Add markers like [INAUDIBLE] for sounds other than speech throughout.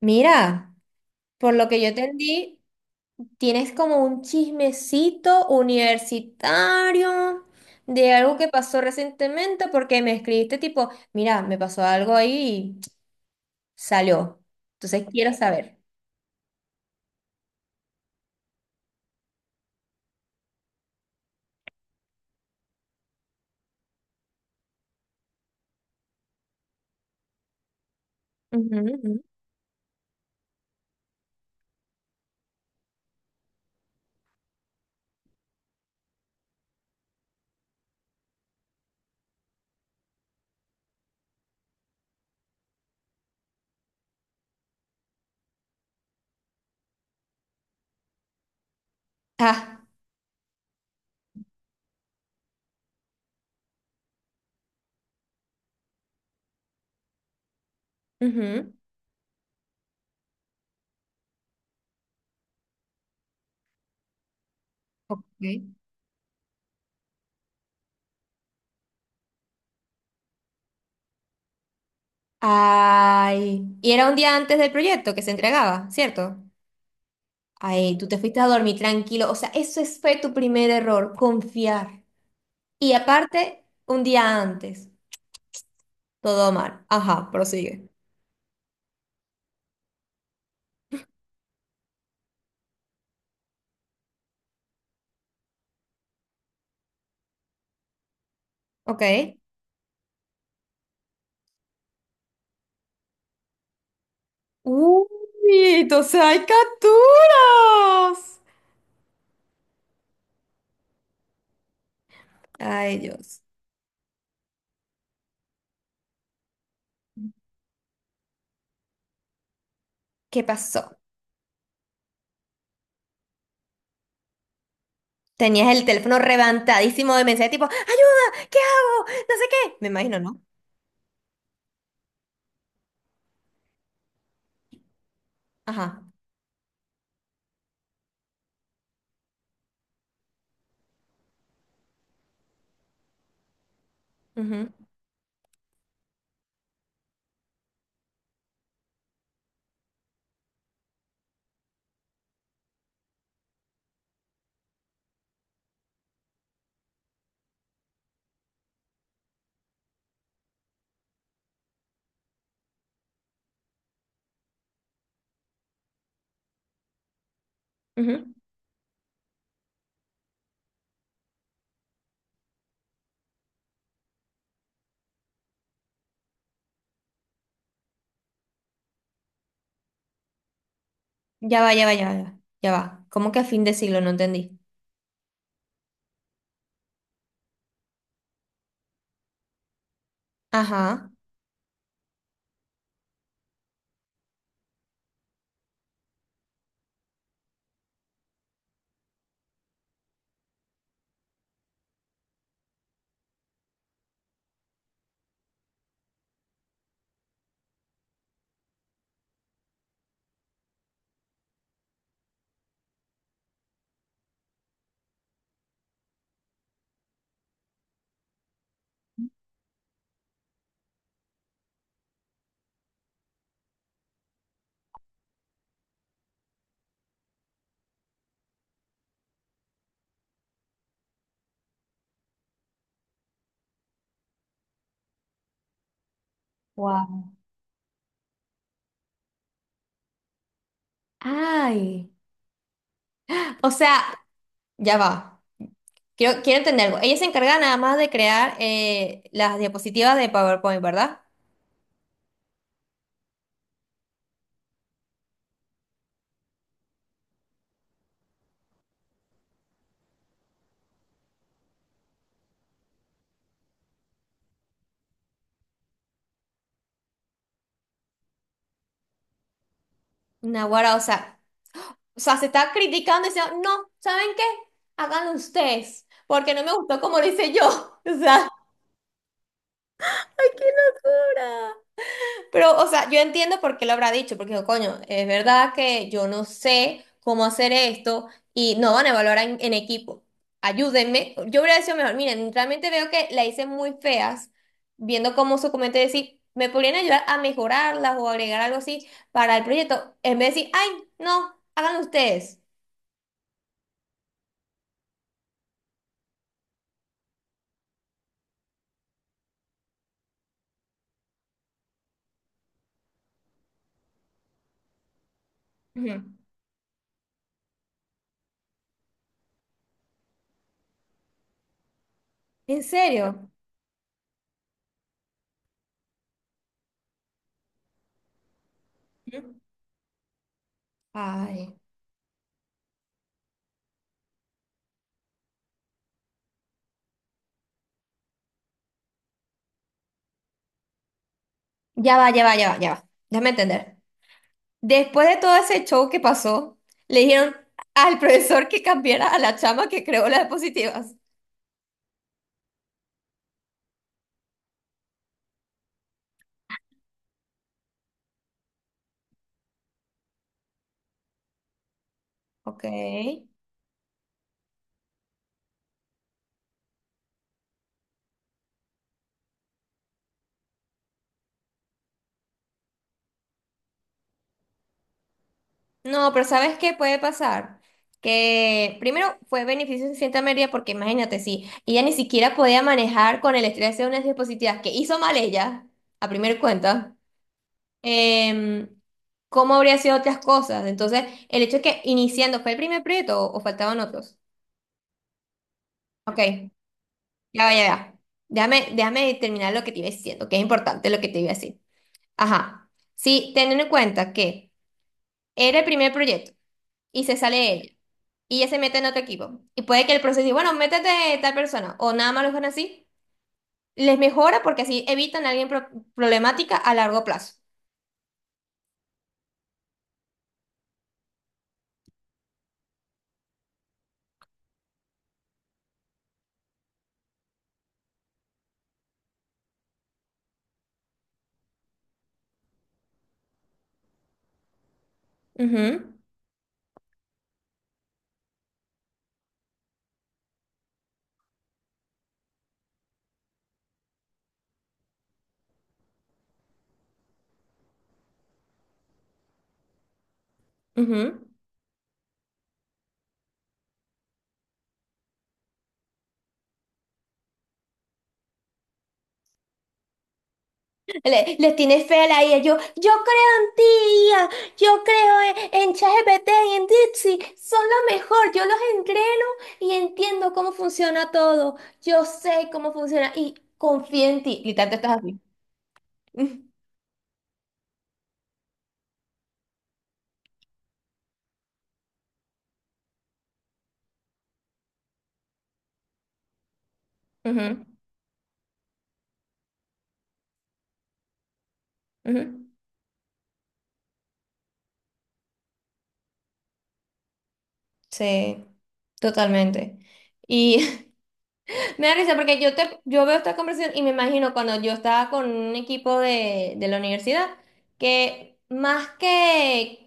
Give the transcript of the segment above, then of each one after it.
Mira, por lo que yo entendí, tienes como un chismecito universitario de algo que pasó recientemente porque me escribiste tipo, mira, me pasó algo ahí y salió. Entonces quiero saber. Ujú, ujú. Ah, ujú. Ok. Ay, y era un día antes del proyecto que se entregaba, ¿cierto? Ay, tú te fuiste a dormir tranquilo. O sea, fue tu primer error, confiar. Y aparte, un día antes. Todo mal. Ajá, prosigue. Ok. ¡Uy! ¡Entonces hay capturas! Ay, Dios. ¿Qué pasó? Tenías el teléfono reventadísimo de mensajes tipo, ¡ayuda! ¿Qué hago? No sé qué. Me imagino, ¿no? Ajá. Ujú, ujú. Ya va, ya va, ya va. Ya va. Ya va. ¿Cómo que a fin de siglo? No entendí. Ajá. Wow. Ay. O sea, ya va. Quiero entender algo. Ella se encarga nada más de crear las diapositivas de PowerPoint, ¿verdad? Naguará, o sea, se está criticando y diciendo, no, ¿saben qué? Háganlo ustedes, porque no me gustó como lo hice yo. [LAUGHS] O sea, ¡ay, qué locura! Pero, o sea, yo entiendo por qué lo habrá dicho, porque dijo, coño, es verdad que yo no sé cómo hacer esto y no van a evaluar en equipo. Ayúdenme. Yo hubiera sido mejor, miren, realmente veo que la hice muy feas, viendo cómo su comentario decir, me podrían ayudar a mejorarlas o agregar algo así para el proyecto, en vez de decir, ay, no, háganlo ustedes. Ujú. ¿En serio? Ujú. Ay, ya va, ya va, ya va, ya va. Déjame entender. Después de todo ese show que pasó, le dijeron al profesor que cambiara a la chama que creó las diapositivas. Ok. No, pero ¿sabes qué puede pasar? Que primero fue beneficio de cierta medida porque imagínate, si ella ni siquiera podía manejar con el estrés de unas diapositivas que hizo mal ella, a primera cuenta, em, ¿cómo habría sido otras cosas? Entonces, el hecho de que iniciando fue el primer proyecto o faltaban otros. Ok. Ya va, ya va. Déjame terminar lo que te iba diciendo, que es importante lo que te iba a decir. Ajá. Sí, teniendo en cuenta que era el primer proyecto y se sale ella y ella se mete en otro equipo y puede que el proceso diga, bueno, métete tal persona o nada más lo dejan así, les mejora porque así evitan a alguien problemática a largo plazo. Ujú, ujú. Les tiene fe a la IA. Yo creo en ti, IA. Yo creo en ChatGPT y en Dipsy. Son lo mejor. Yo los entreno y entiendo cómo funciona todo. Yo sé cómo funciona y confío en ti. Y tanto estás así. Ujú, ujú. Ujú. Sí, totalmente. Y [LAUGHS] me da risa porque yo veo esta conversación y me imagino cuando yo estaba con un equipo de la universidad que más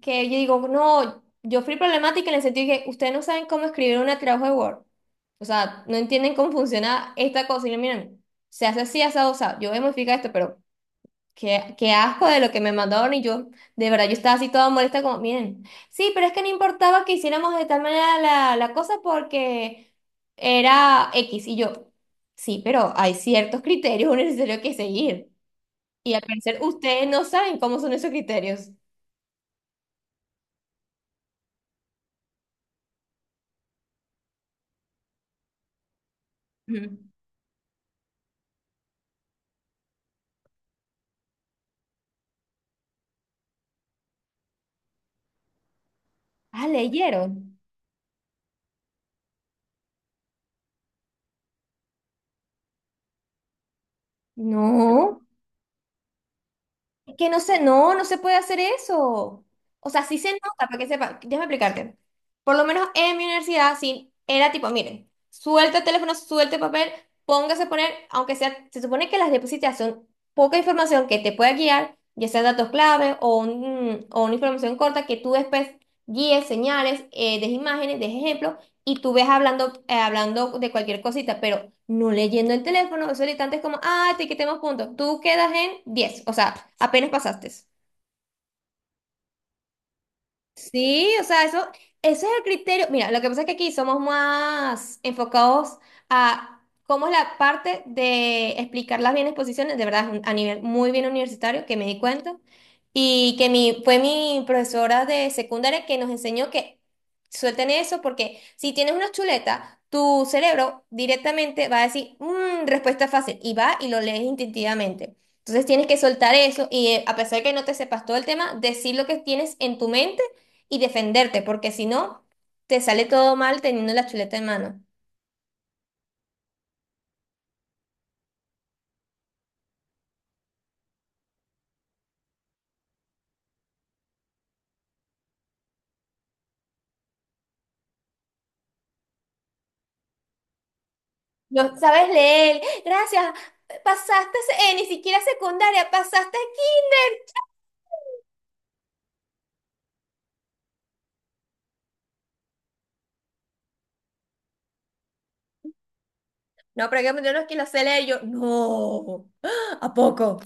que yo digo, no, yo fui problemática en el sentido de que ustedes no saben cómo escribir un trabajo de Word. O sea, no entienden cómo funciona esta cosa. Y yo, miren, se hace así, asado, o sea, yo voy a modificar esto, pero qué, qué asco de lo que me mandaron. Y yo, de verdad, yo estaba así toda molesta, como, miren, sí, pero es que no importaba que hiciéramos de tal manera la cosa porque era X. Y yo, sí, pero hay ciertos criterios necesarios que seguir. Y al parecer, ustedes no saben cómo son esos criterios. Ujú. Ah, leyeron. No, es que no se, no, no se puede hacer eso. O sea, sí se nota, para que sepa, déjame explicarte. Por lo menos en mi universidad, sí, era tipo, miren, suelta el teléfono, suelta el papel, póngase a poner, aunque sea, se supone que las diapositivas son poca información que te pueda guiar, ya sea datos clave o, o una información corta que tú después guíes, señales, des imágenes, des ejemplos, y tú ves hablando, hablando de cualquier cosita, pero no leyendo el teléfono, eso ahorita antes como, ah, te quitemos puntos, tú quedas en 10, o sea, apenas pasaste. Sí, o sea, eso es el criterio. Mira, lo que pasa es que aquí somos más enfocados a cómo es la parte de explicar las bien exposiciones, de verdad, es a nivel muy bien universitario, que me di cuenta, y que mi, fue mi profesora de secundaria que nos enseñó que suelten eso, porque si tienes una chuleta, tu cerebro directamente va a decir, "Mm, respuesta fácil", y va y lo lees instintivamente. Entonces tienes que soltar eso y a pesar de que no te sepas todo el tema, decir lo que tienes en tu mente y defenderte, porque si no, te sale todo mal teniendo la chuleta en mano. No sabes leer, gracias, pasaste, ni siquiera secundaria, pasaste kinder. No, pero hay que yo no es que lo sé leer, yo, no, [GASPS] ¿a poco?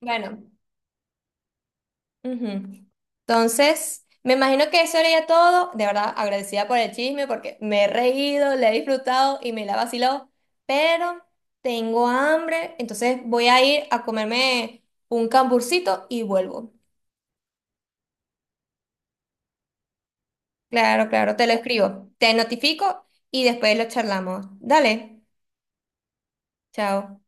Bueno, ujú. Entonces, me imagino que eso era ya todo. De verdad, agradecida por el chisme porque me he reído, le he disfrutado y me la vaciló. Pero tengo hambre, entonces voy a ir a comerme un camburcito y vuelvo. Claro, claro, te lo escribo, te notifico y después lo charlamos. Dale, chao.